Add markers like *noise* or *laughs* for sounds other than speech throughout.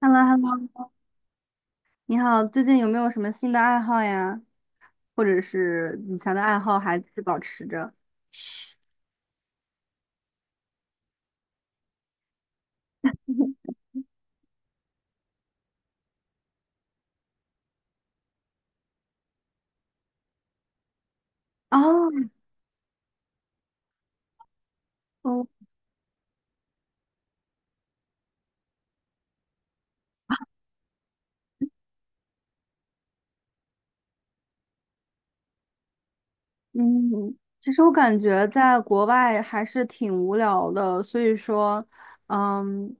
h e l l o h e l l o 你好，最近有没有什么新的爱好呀？或者是以前的爱好还是保持着？哦，哦，嗯，其实我感觉在国外还是挺无聊的，所以说，嗯，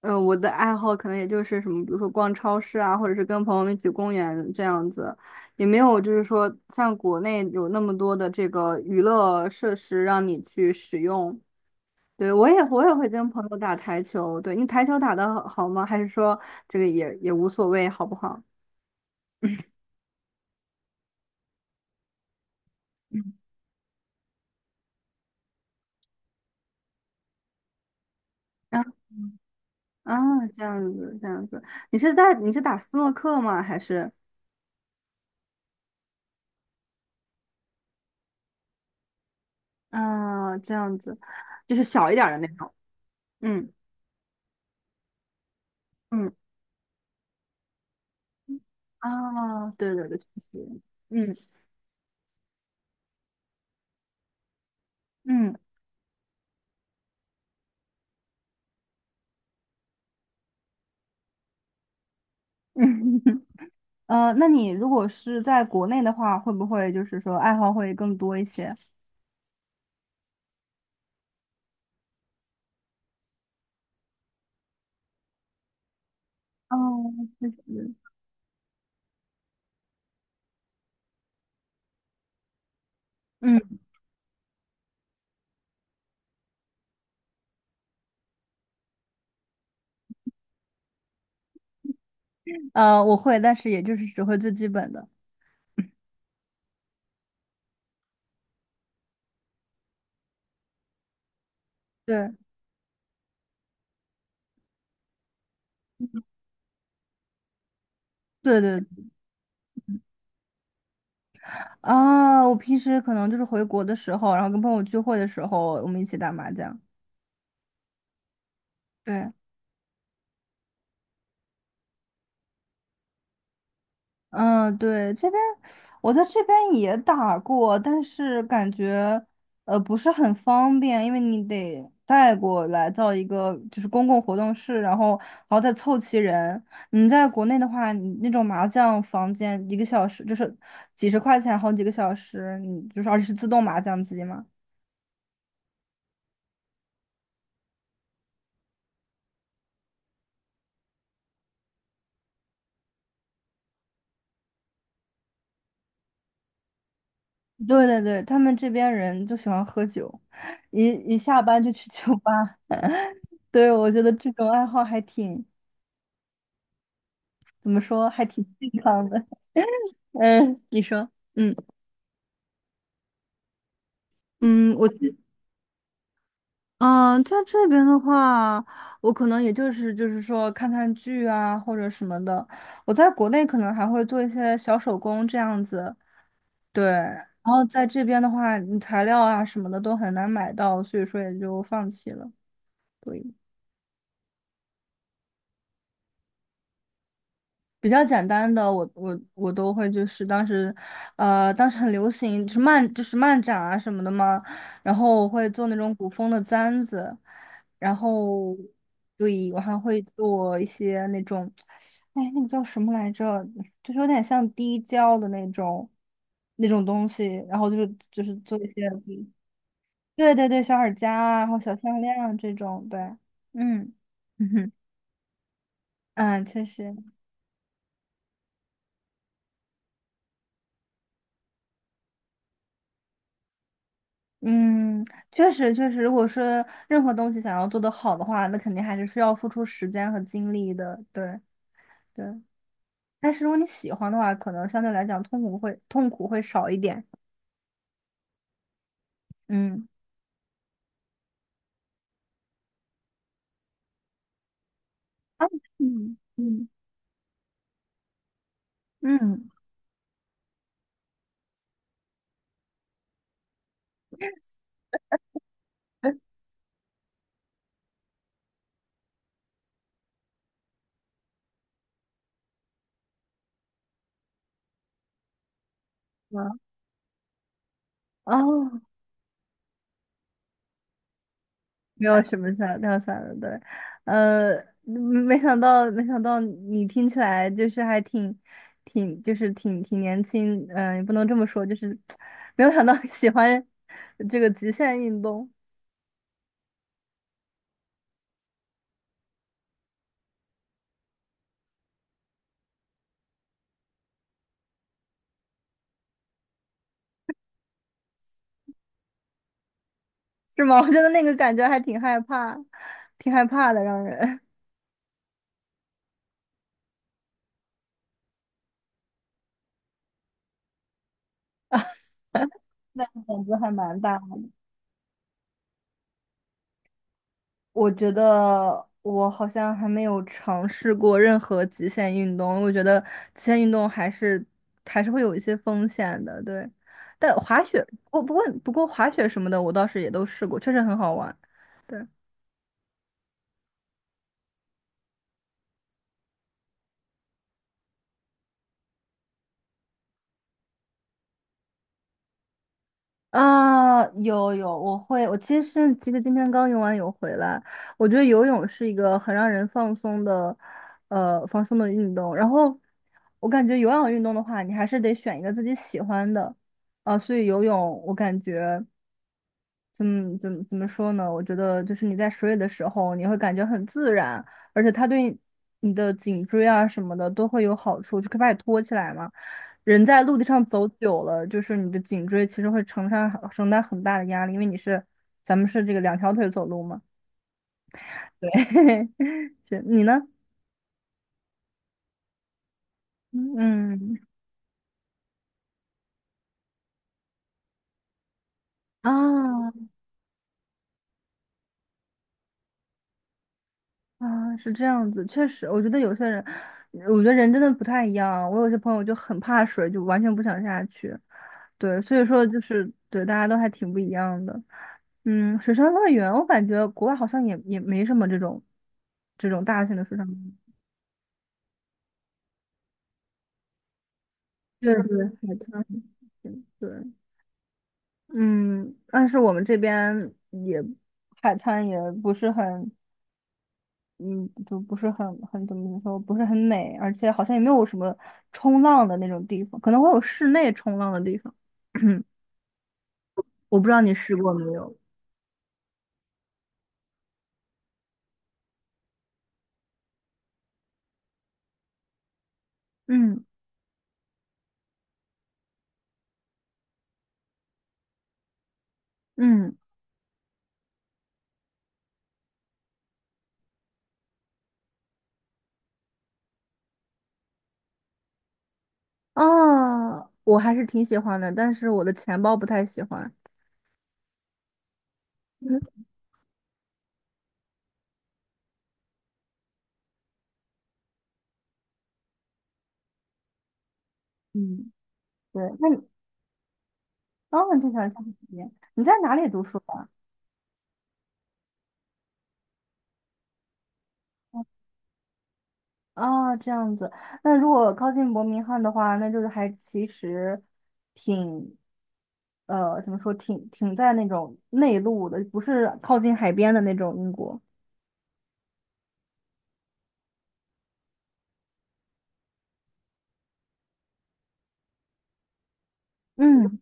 我的爱好可能也就是什么，比如说逛超市啊，或者是跟朋友们一起去公园这样子，也没有就是说像国内有那么多的这个娱乐设施让你去使用。对，我也会跟朋友打台球。对，你台球打得好好吗？还是说这个也无所谓，好不好？嗯，啊啊，这样子，这样子，你是打斯诺克吗？还是啊这样子，就是小一点儿的那种。嗯嗯啊，对对对，确实，嗯嗯嗯，*laughs* 那你如果是在国内的话，会不会就是说爱好会更多一些？哦，确实，嗯我会，但是也就是只会最基本的。对对对啊！我平时可能就是回国的时候，然后跟朋友聚会的时候，我们一起打麻将。对，嗯，对，这边我在这边也打过，但是感觉不是很方便，因为你得带过来到一个就是公共活动室，然后再凑齐人。你在国内的话，你那种麻将房间一个小时就是几十块钱，好几个小时，你就是而且是自动麻将机嘛。对对对，他们这边人就喜欢喝酒，一一下班就去酒吧。*laughs* 对，我觉得这种爱好还挺，怎么说，还挺健康的。*laughs* 嗯，你说，嗯嗯，嗯，在这边的话，我可能也就是就是说看看剧啊或者什么的。我在国内可能还会做一些小手工这样子，对。然后在这边的话，你材料啊什么的都很难买到，所以说也就放弃了。对。比较简单的，我都会，就是当时，当时很流行，就是漫展啊什么的嘛，然后我会做那种古风的簪子，然后对，我还会做一些那种，哎，那个叫什么来着？就是有点像滴胶的那种东西，然后就是做一些，对对对，小耳夹啊，然后小项链啊这种，对，嗯 *laughs*，嗯哼，嗯，确实。嗯，确实确实，如果说任何东西想要做得好的话，那肯定还是需要付出时间和精力的。对对，但是如果你喜欢的话，可能相对来讲痛苦会少一点。嗯，啊，嗯嗯嗯，哎哦，没有什么想的，对，呃，嗯没想到你听起来就是还挺挺年轻，嗯、也不能这么说，就是 *tsk* 没有想到喜欢这个极限运动。是吗？*laughs* 我觉得那个感觉还挺害怕，挺害怕的，让人 *laughs* 那个胆子还蛮大的。我觉得我好像还没有尝试过任何极限运动，我觉得极限运动还是还是会有一些风险的，对。但滑雪，不过滑雪什么的，我倒是也都试过，确实很好玩。对。啊，有有，我会，我其实今天刚游完泳回来，我觉得游泳是一个很让人放松的，放松的运动。然后我感觉有氧运动的话，你还是得选一个自己喜欢的，啊，所以游泳我感觉。怎么说呢？我觉得就是你在水里的时候，你会感觉很自然，而且它对你的颈椎啊什么的都会有好处，就可以把你托起来嘛。人在陆地上走久了，就是你的颈椎其实会承担很大的压力，因为咱们是这个两条腿走路嘛。*laughs* 是你呢？嗯啊，啊，是这样子，确实，我觉得有些人，我觉得人真的不太一样。我有些朋友就很怕水，就完全不想下去。对，所以说就是对，大家都还挺不一样的。嗯，水上乐园，我感觉国外好像也没什么这种这种大型的水上乐园。对对，海滩。对，嗯，但是我们这边也海滩也不是很。嗯，就不是很怎么说，不是很美，而且好像也没有什么冲浪的那种地方，可能会有室内冲浪的地方。*clears throat* 我不知道你试过没有？嗯嗯，哦，我还是挺喜欢的，但是我的钱包不太喜欢。嗯，嗯对，那你，哦，你就想下次体验你在哪里读书的？哦，这样子。那如果靠近伯明翰的话，那就是还其实挺，怎么说，挺在那种内陆的，不是靠近海边的那种英国。嗯，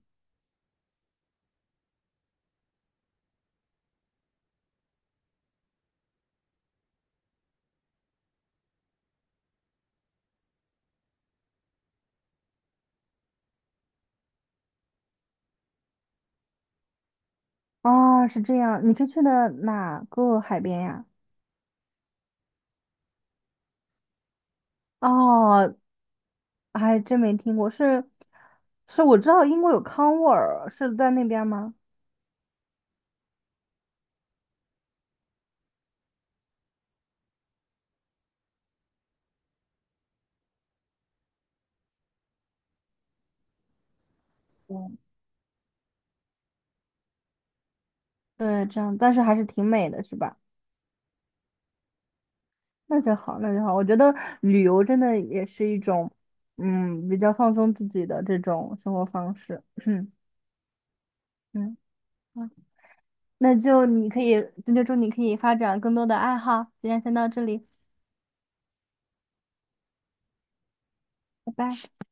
哦，是这样。你是去的哪个海边呀？哦，还真没听过。是，是我知道英国有康沃尔，是在那边吗？嗯，对，这样，但是还是挺美的，是吧？那就好，那就好。我觉得旅游真的也是一种，嗯，比较放松自己的这种生活方式。*clears throat* 嗯嗯，好那就你可以，那就祝你可以发展更多的爱好。今天先到这里，拜拜。